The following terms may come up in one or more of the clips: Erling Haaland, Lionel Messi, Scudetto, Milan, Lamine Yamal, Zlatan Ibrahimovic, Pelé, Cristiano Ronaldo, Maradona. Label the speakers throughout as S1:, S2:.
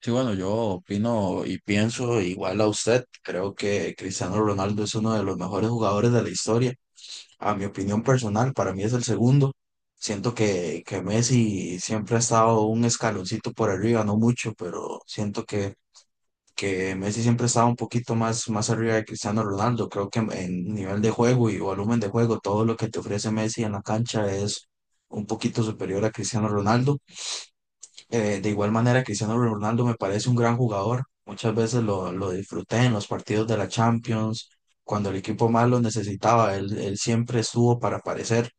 S1: Sí, bueno, yo opino y pienso igual a usted. Creo que Cristiano Ronaldo es uno de los mejores jugadores de la historia. A mi opinión personal, para mí es el segundo. Siento que Messi siempre ha estado un escaloncito por arriba, no mucho, pero siento que Messi siempre ha estado un poquito más, más arriba de Cristiano Ronaldo. Creo que en nivel de juego y volumen de juego, todo lo que te ofrece Messi en la cancha es un poquito superior a Cristiano Ronaldo. De igual manera, Cristiano Ronaldo me parece un gran jugador. Muchas veces lo disfruté en los partidos de la Champions. Cuando el equipo más lo necesitaba, él siempre estuvo para aparecer.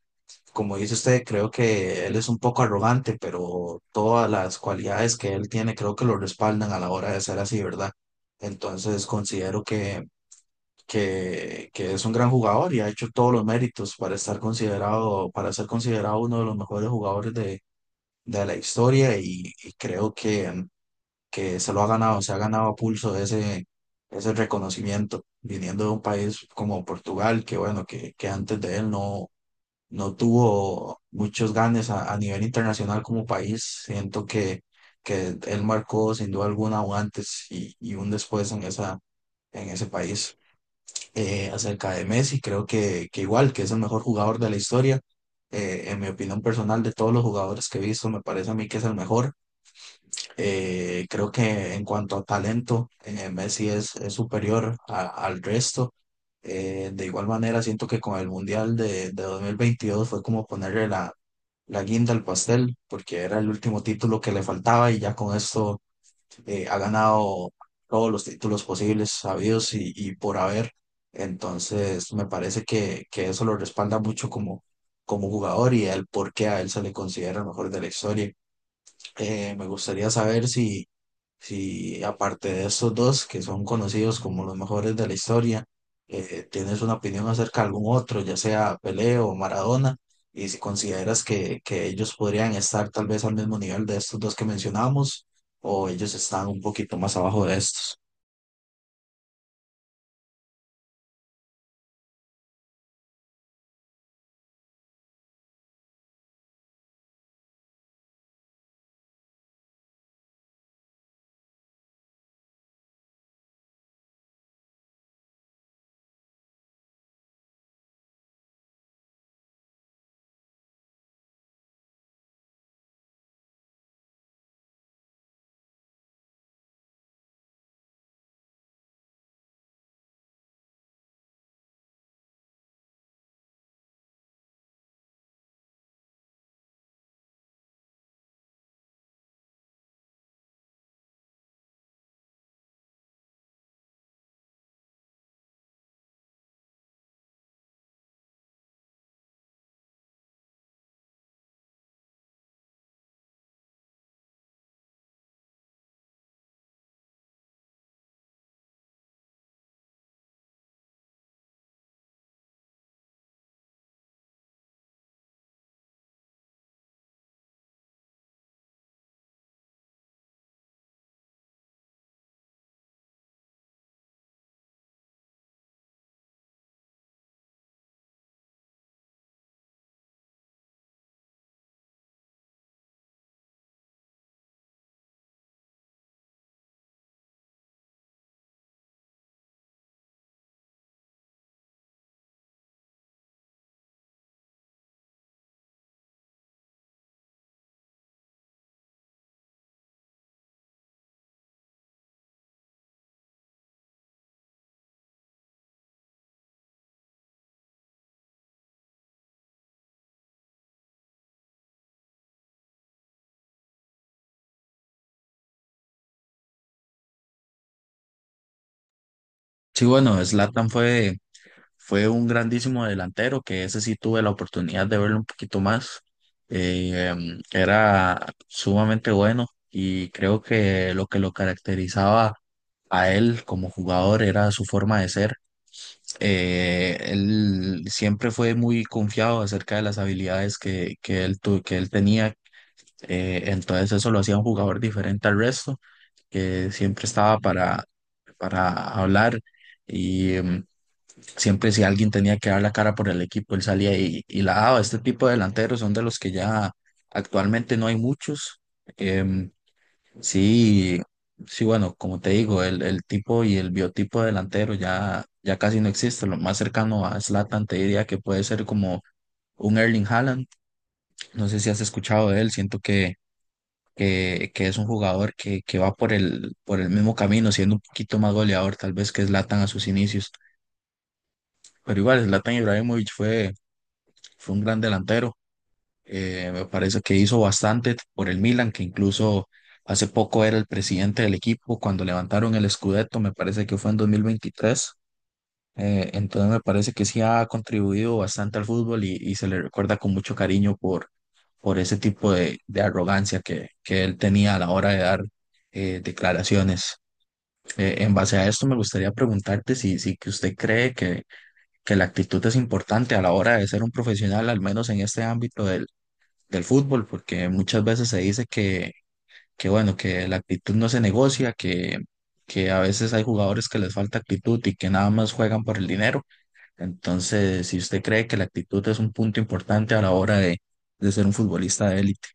S1: Como dice usted, creo que él es un poco arrogante, pero todas las cualidades que él tiene creo que lo respaldan a la hora de ser así, ¿verdad? Entonces considero que es un gran jugador y ha hecho todos los méritos para estar considerado, para ser considerado uno de los mejores jugadores de la historia y creo que se lo ha ganado, se ha ganado a pulso ese, ese reconocimiento, viniendo de un país como Portugal, que bueno, que antes de él no tuvo muchos ganes a nivel internacional como país. Siento que él marcó sin duda alguna un antes y un después en esa, en ese país. Acerca de Messi, creo que igual, que es el mejor jugador de la historia. En mi opinión personal, de todos los jugadores que he visto, me parece a mí que es el mejor creo que en cuanto a talento, Messi es superior al resto. De igual manera, siento que con el Mundial de 2022 fue como ponerle la, la guinda al pastel, porque era el último título que le faltaba y ya con esto ha ganado todos los títulos posibles, sabidos y por haber. Entonces, me parece que eso lo respalda mucho como, como jugador y el por qué a él se le considera el mejor de la historia. Me gustaría saber si si aparte de estos dos, que son conocidos como los mejores de la historia, tienes una opinión acerca de algún otro, ya sea Pelé o Maradona, y si consideras que ellos podrían estar tal vez al mismo nivel de estos dos que mencionamos, o ellos están un poquito más abajo de estos. Sí, bueno, Zlatan fue. Fue un grandísimo delantero, que ese sí tuve la oportunidad de verlo un poquito más. Era sumamente bueno y creo que lo caracterizaba a él como jugador era su forma de ser. Él siempre fue muy confiado acerca de las habilidades que él, que él tenía, entonces eso lo hacía un jugador diferente al resto, que siempre estaba para hablar. Y, em, Siempre si alguien tenía que dar la cara por el equipo, él salía y la daba. Este tipo de delanteros son de los que ya actualmente no hay muchos. Em, sí, sí, bueno, como te digo, el tipo y el biotipo de delantero ya, ya casi no existe. Lo más cercano a Zlatan te diría que puede ser como un Erling Haaland. No sé si has escuchado de él, siento que es un jugador que va por el mismo camino, siendo un poquito más goleador tal vez que Zlatan a sus inicios. Pero igual, Zlatan Ibrahimovic fue fue un gran delantero. Me parece que hizo bastante por el Milan, que incluso hace poco era el presidente del equipo cuando levantaron el Scudetto, me parece que fue en 2023. Entonces me parece que sí ha contribuido bastante al fútbol y se le recuerda con mucho cariño por ese tipo de arrogancia que él tenía a la hora de dar declaraciones. En base a esto me gustaría preguntarte si, que usted cree que la actitud es importante a la hora de ser un profesional, al menos en este ámbito del del fútbol, porque muchas veces se dice que bueno, que la actitud no se negocia, que a veces hay jugadores que les falta actitud y que nada más juegan por el dinero. Entonces, si usted cree que la actitud es un punto importante a la hora de ser un futbolista de élite.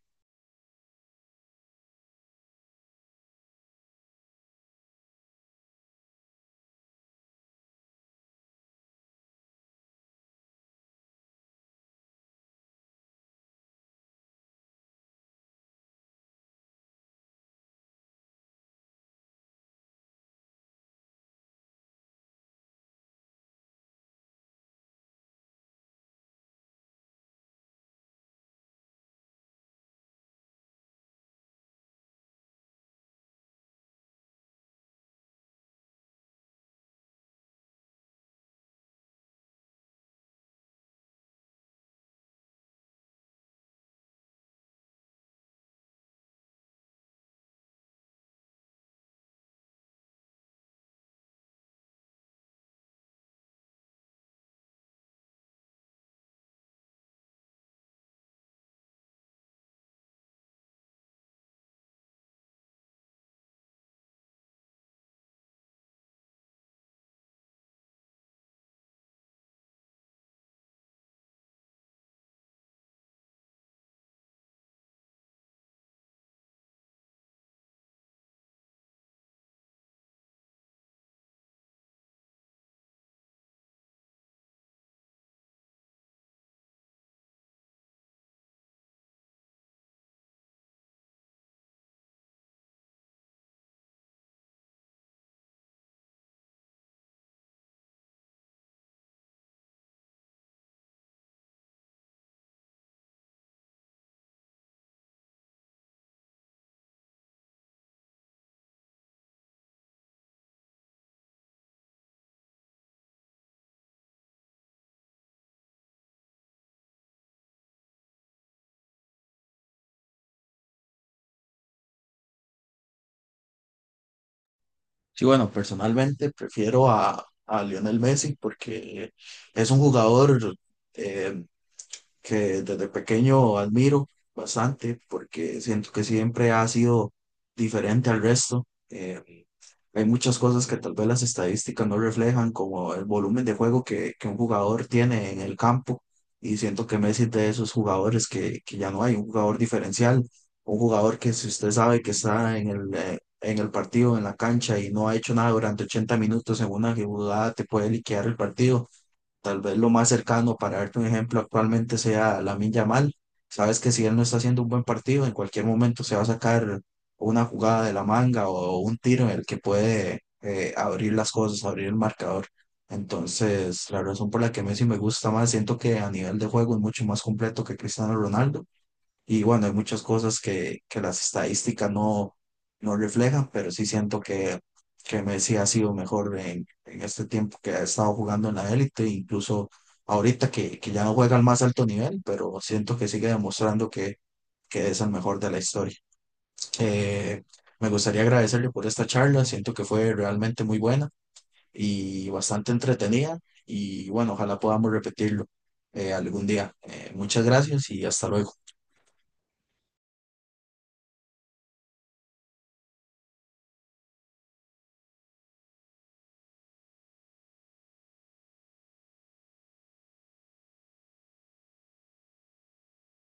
S1: Sí, bueno, personalmente prefiero a Lionel Messi porque es un jugador... eh, que desde pequeño admiro bastante porque siento que siempre ha sido diferente al resto. Hay muchas cosas que tal vez las estadísticas no reflejan, como el volumen de juego que un jugador tiene en el campo. Y siento que Messi es de esos jugadores que ya no hay, un jugador diferencial, un jugador que si usted sabe que está en el partido, en la cancha y no ha hecho nada durante 80 minutos en una jugada, te puede liquidar el partido. Tal vez lo más cercano, para darte un ejemplo, actualmente sea Lamine Yamal. Sabes que si él no está haciendo un buen partido, en cualquier momento se va a sacar una jugada de la manga o un tiro en el que puede abrir las cosas, abrir el marcador. Entonces, la razón por la que Messi me gusta más, siento que a nivel de juego es mucho más completo que Cristiano Ronaldo. Y bueno, hay muchas cosas que las estadísticas no, no reflejan, pero sí siento que Messi ha sido mejor en este tiempo que ha estado jugando en la élite, incluso ahorita que ya no juega al más alto nivel, pero siento que sigue demostrando que es el mejor de la historia. Eh, Me gustaría agradecerle por esta charla, siento que fue realmente muy buena y bastante entretenida y bueno, ojalá podamos repetirlo algún día. Muchas gracias y hasta luego.